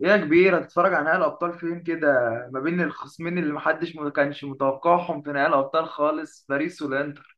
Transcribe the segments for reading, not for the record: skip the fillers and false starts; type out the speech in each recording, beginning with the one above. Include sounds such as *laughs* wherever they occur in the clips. ايه يا كبير، هتتفرج على نهائي الابطال فين كده؟ ما بين الخصمين اللي محدش ما كانش متوقعهم في نهائي الابطال خالص، باريس والانتر.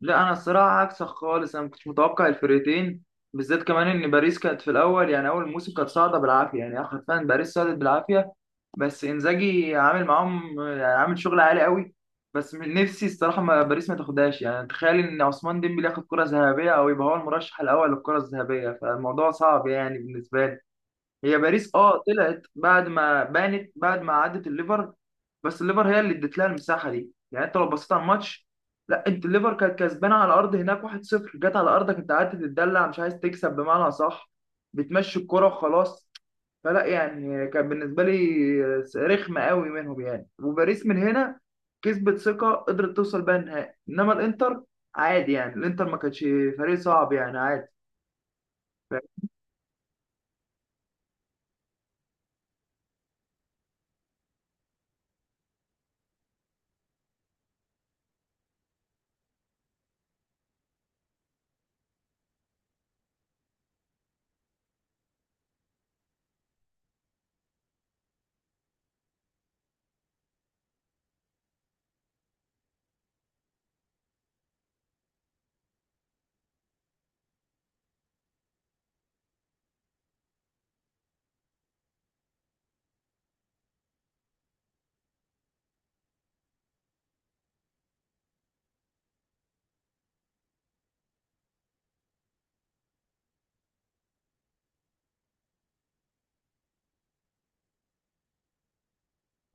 لا انا الصراحه عكسك خالص، انا ما كنتش متوقع الفرقتين بالذات، كمان ان باريس كانت في الاول يعني اول موسم كانت صاعده بالعافيه، يعني حرفيا باريس صعدت بالعافيه، بس انزاجي عامل معاهم يعني عامل شغل عالي قوي. بس من نفسي الصراحه، ما باريس ما تاخدهاش يعني، تخيل ان عثمان ديمبلي ياخد كره ذهبيه او يبقى هو المرشح الاول للكره الذهبيه، فالموضوع صعب يعني بالنسبه لي. هي باريس اه طلعت بعد ما بانت بعد ما عدت الليفر، بس الليفر هي اللي ادت لها المساحه دي، يعني انت لو بصيت على الماتش، لا انت الليفر كانت كسبانه على الارض هناك 1-0، جت على ارضك انت قعدت تتدلع، مش عايز تكسب بمعنى صح، بتمشي الكرة وخلاص. فلا يعني كان بالنسبه لي رخمه قوي منهم يعني، وباريس من هنا كسبت ثقه قدرت توصل بقى النهائي، انما الانتر عادي يعني، الانتر ما كانش فريق صعب يعني، عادي.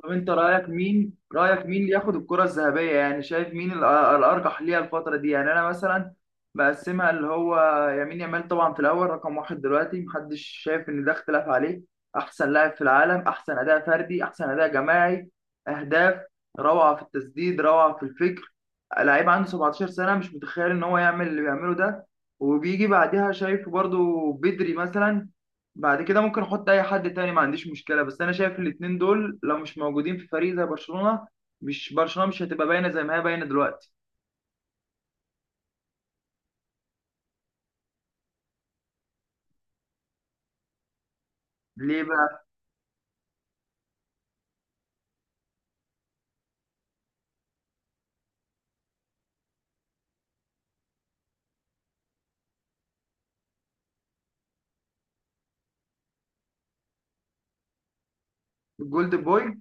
طب انت رايك مين، رايك مين اللي ياخد الكره الذهبيه يعني؟ شايف مين الارجح ليها الفتره دي؟ يعني انا مثلا بقسمها، اللي هو يمين يامال طبعا في الاول رقم واحد دلوقتي، محدش شايف ان ده اختلاف عليه. احسن لاعب في العالم، احسن اداء فردي، احسن اداء جماعي، اهداف، روعه في التسديد، روعه في الفكر. لعيب عنده 17 سنه، مش متخيل ان هو يعمل اللي بيعمله ده. وبيجي بعدها شايف برضو بدري مثلا. بعد كده ممكن احط اي حد تاني، ما عنديش مشكله، بس انا شايف الاتنين دول لو مش موجودين في فريق زي برشلونه، مش برشلونه مش هتبقى باينه زي ما هي باينه دلوقتي. ليه بقى؟ الجولد بوي.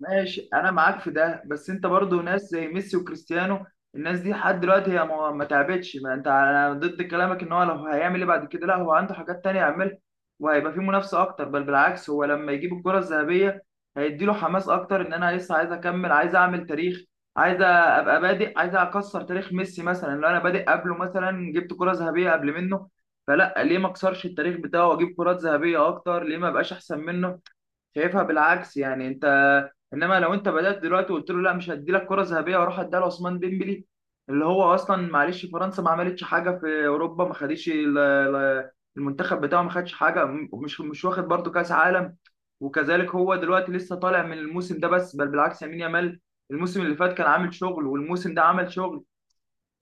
ماشي انا معاك في ده، بس انت برضو ناس زي ميسي وكريستيانو، الناس دي لحد دلوقتي هي ما تعبتش، ما انت انا ضد كلامك ان هو لو هيعمل ايه بعد كده. لا هو عنده حاجات تانية يعملها، وهيبقى فيه منافسة اكتر، بل بالعكس هو لما يجيب الكرة الذهبية هيديله حماس اكتر، ان انا لسه عايز اكمل، عايز اعمل تاريخ، عايز ابقى بادئ، عايز اكسر تاريخ ميسي مثلا لو انا بادئ قبله، مثلا جبت كرة ذهبية قبل منه. فلا ليه ما اكسرش التاريخ بتاعه واجيب كرات ذهبية اكتر؟ ليه ما ابقاش احسن منه؟ شايفها بالعكس يعني انت. انما لو انت بدات دلوقتي وقلت له لا مش هدي لك كره ذهبيه واروح اديها لعثمان ديمبلي، اللي هو اصلا معلش فرنسا ما عملتش حاجه في اوروبا، ما خدش المنتخب بتاعه ما خدش حاجه، مش واخد برضه كاس عالم. وكذلك هو دلوقتي لسه طالع من الموسم ده، بس بل بالعكس يمين يامال، الموسم اللي فات كان عامل شغل والموسم ده عمل شغل.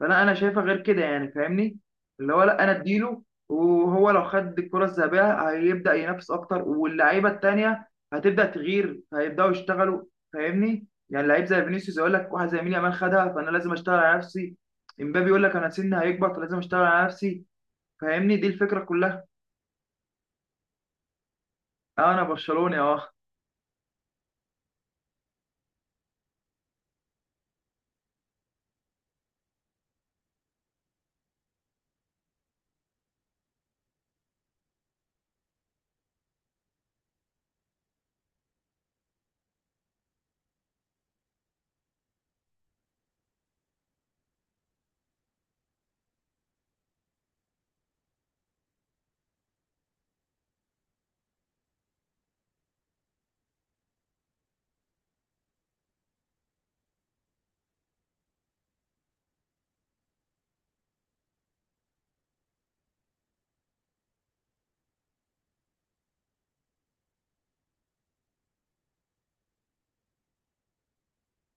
فانا انا شايفها غير كده يعني، فاهمني؟ اللي هو لا انا اديله، وهو لو خد الكره الذهبيه هيبدا ينافس اكتر، واللعيبه التانيه هتبدا تغير، هيبداوا يشتغلوا. فاهمني؟ يعني لعيب زي فينيسيوس يقول لك واحد زي مين يامال خدها، فانا لازم اشتغل على نفسي. امبابي يقول لك انا سني هيكبر فلازم اشتغل على نفسي. فاهمني؟ دي الفكره كلها. انا برشلوني اه.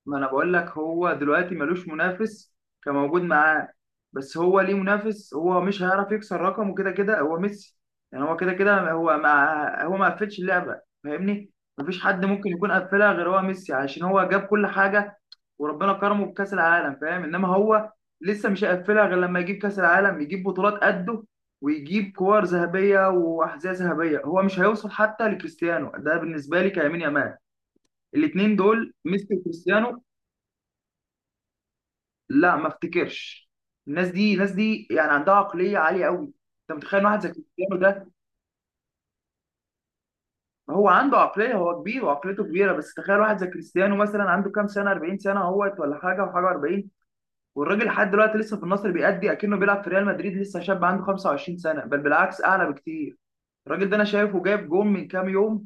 ما انا بقول لك هو دلوقتي ملوش منافس كموجود معاه، بس هو ليه منافس؟ هو مش هيعرف يكسر رقمه كده كده هو ميسي، يعني هو كده كده هو ما قفلش اللعبه، فاهمني؟ مفيش حد ممكن يكون قفلها غير هو ميسي، عشان هو جاب كل حاجه وربنا كرمه بكاس العالم، فاهم؟ انما هو لسه مش هيقفلها غير لما يجيب كاس العالم، يجيب بطولات قده، ويجيب كور ذهبيه واحذيه ذهبيه. هو مش هيوصل حتى لكريستيانو، ده بالنسبه لي كيمين يامال، الاثنين دول ميسي وكريستيانو. لا ما افتكرش. الناس دي، الناس دي يعني عندها عقليه عاليه قوي. انت متخيل واحد زي كريستيانو ده؟ هو عنده عقليه، هو كبير وعقليته كبيره، بس تخيل واحد زي كريستيانو مثلا عنده كام سنه؟ 40 سنه اهوت، ولا حاجه وحاجه 40، والراجل لحد دلوقتي لسه في النصر بيأدي اكنه بيلعب في ريال مدريد، لسه شاب عنده 25 سنه، بل بالعكس اعلى بكتير. الراجل ده انا شايفه جايب جون من كام يوم،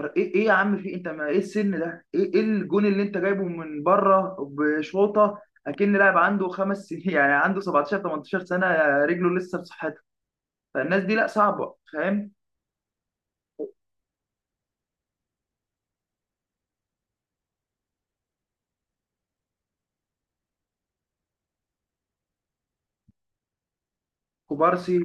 ايه ايه يا عم في انت، ما ايه السن ده؟ ايه ايه الجون اللي انت جايبه من بره بشوطه؟ اكن لاعب عنده خمس سنين *laughs* يعني عنده 17 18 سنه، رجله لسه في صحتها. فالناس دي لا صعبه، فاهم؟ كوبارسي.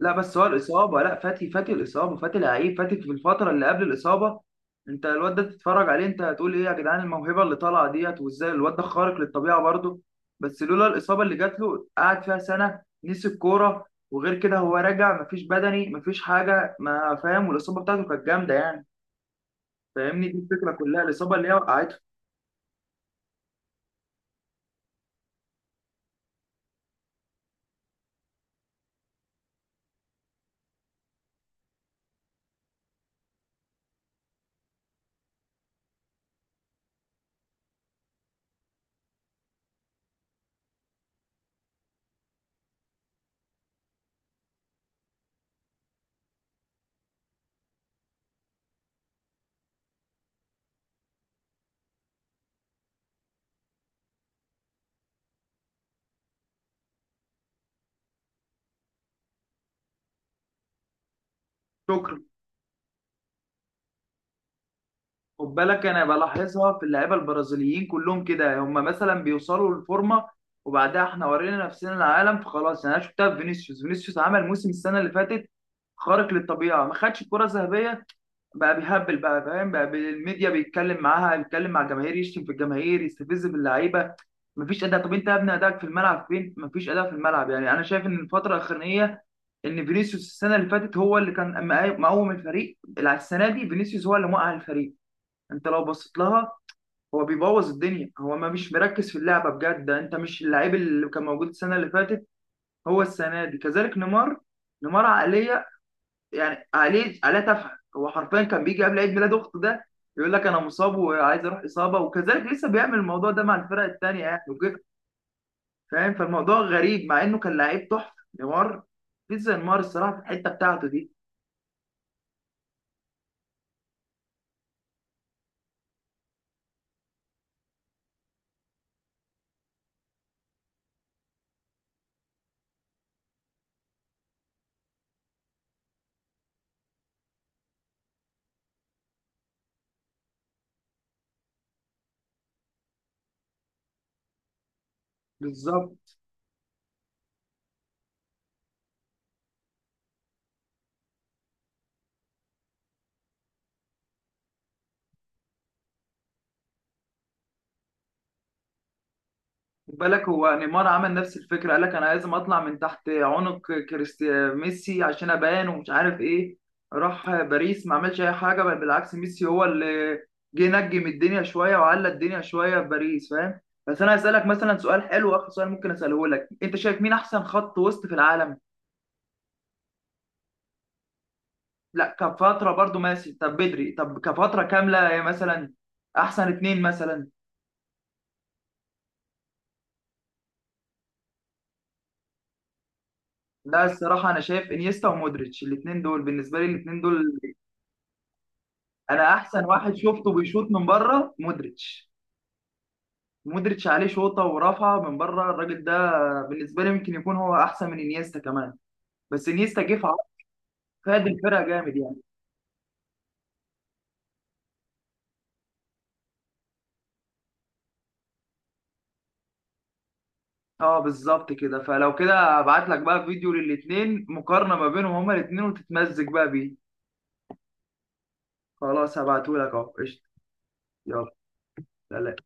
لا بس هو الإصابة، لا فاتي فاتي الإصابة، فاتي لعيب، فاتي في الفترة اللي قبل الإصابة. أنت الواد ده تتفرج عليه أنت هتقول إيه يا جدعان؟ الموهبة اللي طالعة ديت، وإزاي الواد ده خارق للطبيعة برضه. بس لولا الإصابة اللي جات له قعد فيها سنة، نسي الكورة، وغير كده هو راجع مفيش بدني مفيش حاجة، ما فاهم؟ والإصابة بتاعته كانت جامدة يعني. فاهمني؟ دي الفكرة كلها، الإصابة اللي هي وقعته. شكرا. خد بالك انا بلاحظها في اللعيبه البرازيليين كلهم كده، هم مثلا بيوصلوا للفورمه وبعدها احنا ورينا نفسنا العالم فخلاص يعني. انا شفتها في فينيسيوس، فينيسيوس عمل موسم السنه اللي فاتت خارق للطبيعه، ما خدش الكره الذهبيه، بقى بيهبل بقى، فاهم؟ بقى الميديا بيتكلم معاها، بيتكلم مع الجماهير، يشتم في الجماهير، يستفز باللعيبه، مفيش اداء. طب انت يا ابني ادائك في الملعب فين؟ مفيش اداء في الملعب يعني. انا شايف ان الفتره الاخرانيه، ان فينيسيوس السنه اللي فاتت هو اللي كان مقاوم الفريق، السنه دي فينيسيوس هو اللي موقع الفريق. انت لو بصيت لها، هو بيبوظ الدنيا، هو ما مش مركز في اللعبه بجد، انت مش اللعيب اللي كان موجود السنه اللي فاتت. هو السنه دي كذلك نيمار، نيمار عقليه يعني عقليه، عقليه تافهه، هو حرفيا كان بيجي قبل عيد ميلاد اخته ده يقول لك انا مصاب وعايز اروح اصابه، وكذلك لسه بيعمل الموضوع ده مع الفرق التانيه يعني وكده. فاهم؟ فالموضوع غريب مع انه كان لعيب تحفه نيمار، في زي نيمار الصراحه في الحته بتاعته دي. بالظبط. خد بالك هو نيمار عمل نفس الفكره، قال لك انا لازم اطلع من تحت عنق كريستيانو ميسي عشان ابان ومش عارف ايه، راح باريس ما عملش اي حاجه، بل بالعكس ميسي هو اللي جه نجم الدنيا شويه وعلى الدنيا شويه في باريس، فاهم؟ بس انا هسالك مثلا سؤال حلو، اخر سؤال ممكن اساله لك، انت شايف مين احسن خط وسط في العالم؟ لا كفتره برضو ماشي، طب بدري، طب كفتره كامله مثلا، احسن اتنين مثلا. لا الصراحه انا شايف انيستا ومودريتش، الاتنين دول بالنسبه لي، الاتنين دول انا احسن واحد شفته بيشوط من بره مودريتش، مودريتش عليه شوطه ورفعه من بره الراجل ده، بالنسبه لي ممكن يكون هو احسن من انيستا كمان، بس انيستا جه في عرض فاد الفرقه جامد يعني. اه بالظبط كده، فلو كده هبعت لك بقى فيديو للاثنين مقارنه ما بينهم هما الاثنين وتتمزج بقى بيه. خلاص هبعته لك اهو، قشطه. يلا. سلام.